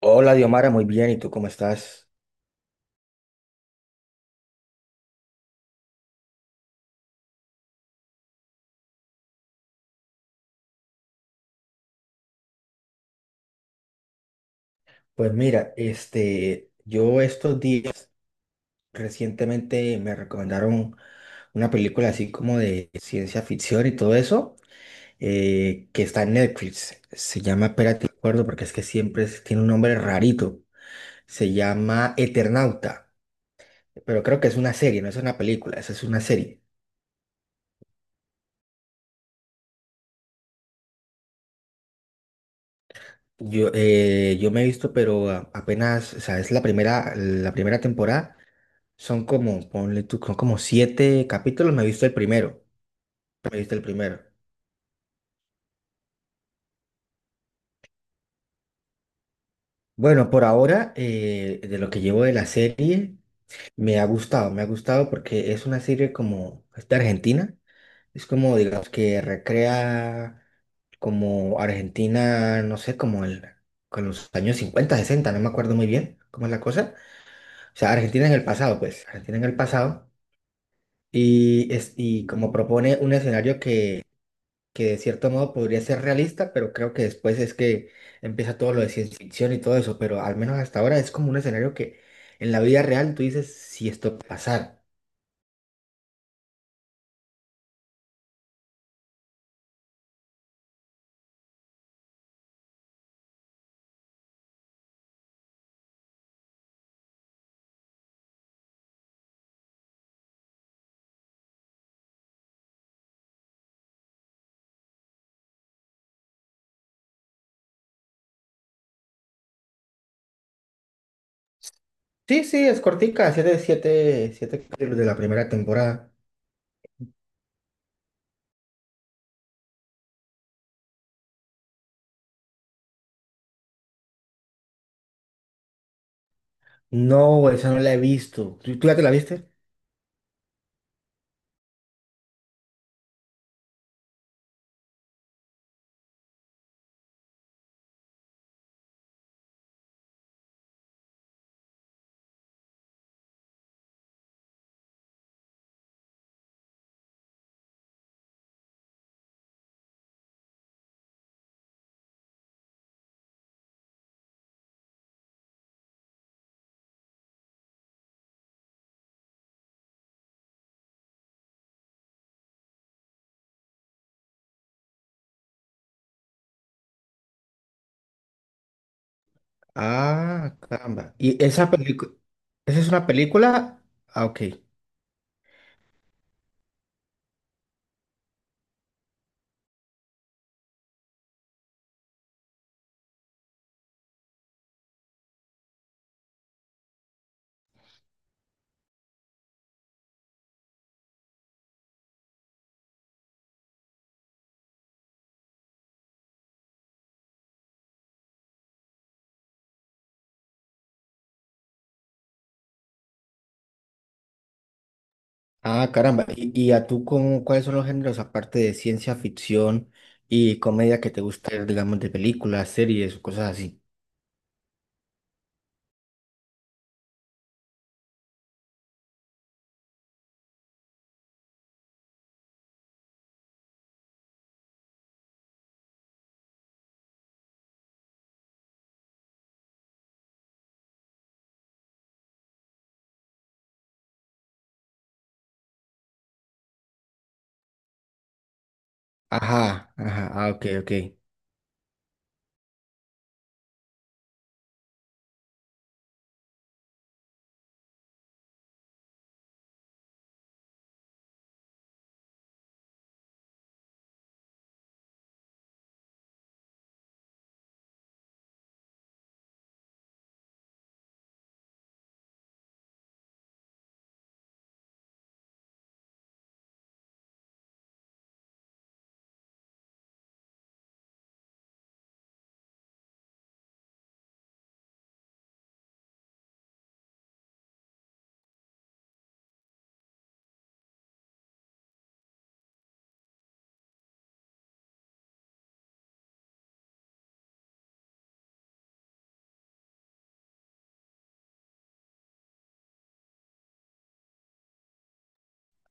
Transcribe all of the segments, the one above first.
Hola, Diomara, muy bien. ¿Y tú cómo estás? Pues mira, yo estos días recientemente me recomendaron una película así como de ciencia ficción y todo eso, que está en Netflix. Se llama, espérate, no me acuerdo porque es que siempre tiene un nombre rarito. Se llama Eternauta, pero creo que es una serie, no es una película, esa es una serie. Yo me he visto, pero apenas, o sea, es la primera temporada. Son como, ponle tú, son como siete capítulos, me he visto el primero. Bueno, por ahora, de lo que llevo de la serie, me ha gustado porque es una serie como, es de Argentina, es como, digamos, que recrea como Argentina, no sé, como el, con los años 50 60 no me acuerdo muy bien cómo es la cosa. O sea, Argentina en el pasado, pues, Argentina en el pasado. Y, es, y como propone un escenario que de cierto modo podría ser realista, pero creo que después es que empieza todo lo de ciencia ficción y todo eso, pero al menos hasta ahora es como un escenario que en la vida real tú dices si esto puede pasar. Sí, sí, es cortica, siete capítulos de la primera temporada. No, esa no la he visto. Tú ya te la viste? Ah, caramba. ¿Y esa película, esa es una película? Ah, ok. Ah, caramba. Y a tú cómo, cuáles son los géneros aparte de ciencia ficción y comedia que te gusta ver, digamos, de películas, series o cosas así? Ajá, ajá, ah, ok, ok.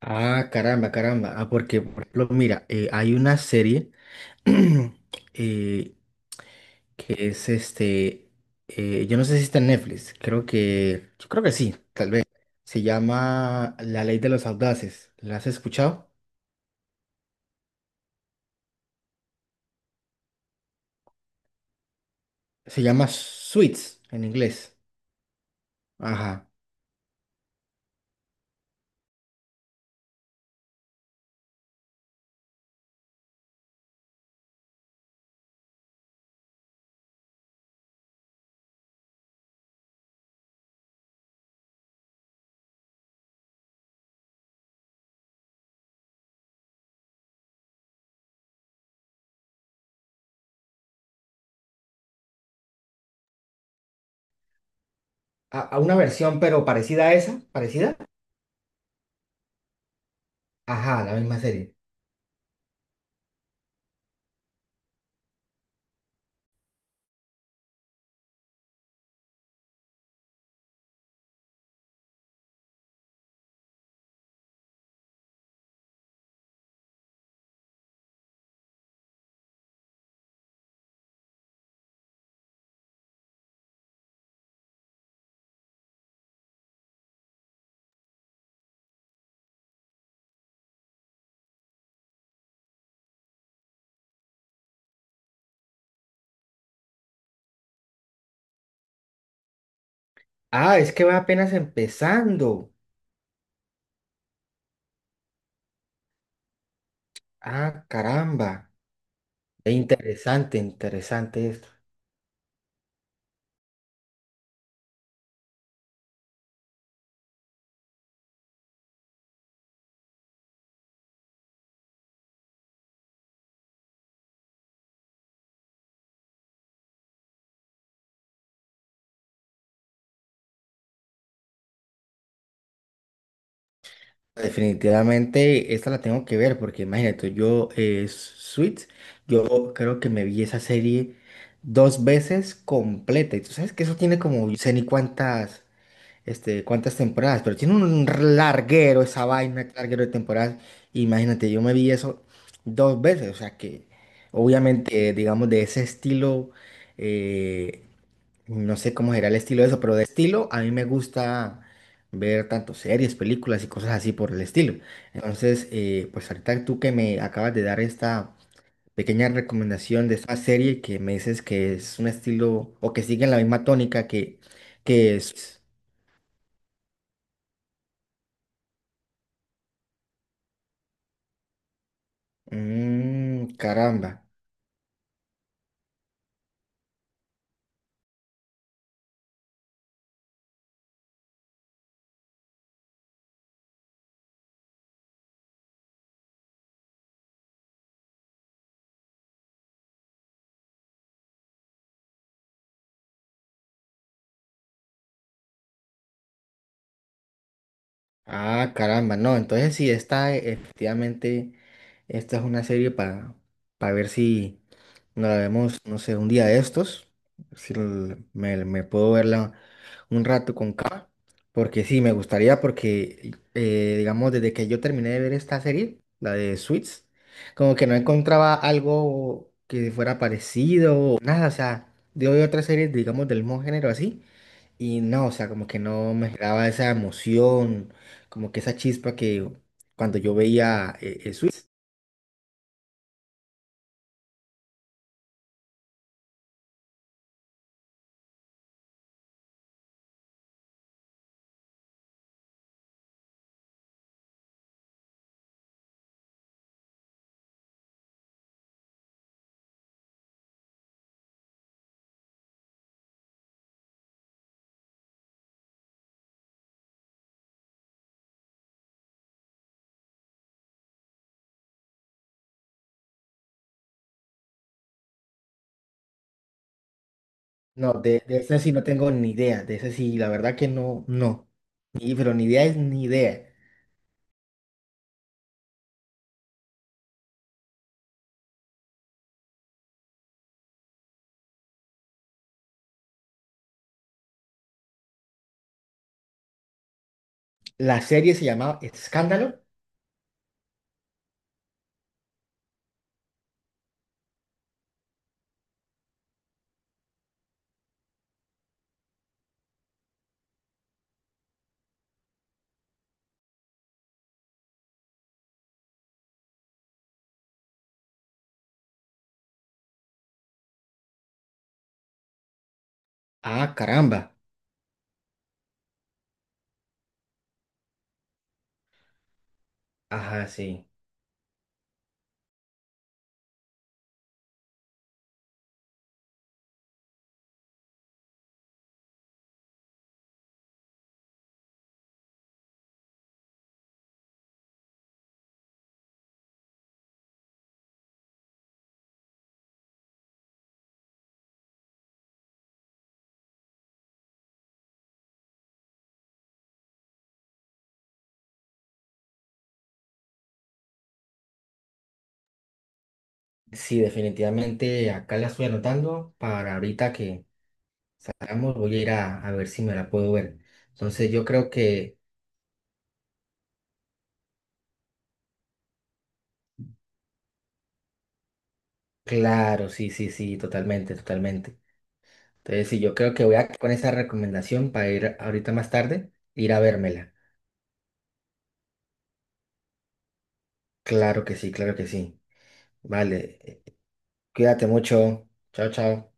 Ah, caramba, caramba. Ah, porque, por ejemplo, mira, hay una serie eh, que es yo no sé si está en Netflix, creo que, yo creo que sí, tal vez. Se llama La Ley de los Audaces. ¿La has escuchado? Se llama Suits en inglés. Ajá. A una versión, pero parecida a esa, parecida. Ajá, la misma serie. Ah, es que va apenas empezando. Ah, caramba. Interesante, interesante esto. Definitivamente esta la tengo que ver porque imagínate, Suits, yo creo que me vi esa serie dos veces completa. Y tú sabes que eso tiene como, yo sé ni cuántas. Este, cuántas temporadas, pero tiene un larguero esa vaina, larguero de temporadas. Imagínate, yo me vi eso dos veces, o sea que obviamente, digamos, de ese estilo, eh, no sé cómo será el estilo de eso, pero de estilo a mí me gusta ver tanto series, películas y cosas así por el estilo. Entonces, pues ahorita tú que me acabas de dar esta pequeña recomendación de esta serie que me dices que es un estilo o que sigue la misma tónica que es. Mm, caramba. Ah, caramba. No, entonces sí, esta efectivamente, esta es una serie para ver si nos la vemos, no sé, un día de estos. Si me, me puedo verla un rato con calma. Porque sí, me gustaría, porque digamos, desde que yo terminé de ver esta serie, la de Suits, como que no encontraba algo que fuera parecido o nada. O sea, yo veo otras series, digamos, del mismo género así. Y no, o sea, como que no me daba esa emoción, como que esa chispa que cuando yo veía Suits. No, de ese sí no tengo ni idea, de ese sí, la verdad que no, no. Ni, pero ni idea es ni idea. La serie se llamaba Escándalo. Ah, caramba. Ajá, sí. Sí, definitivamente acá la estoy anotando para ahorita que salgamos, voy a ir a ver si me la puedo ver. Entonces yo creo que, claro, sí, sí, sí, totalmente, totalmente. Entonces, sí, yo creo que voy a quedar con esa recomendación para ir ahorita más tarde, ir a vérmela. Claro que sí, claro que sí. Vale, cuídate mucho. Chao, chao.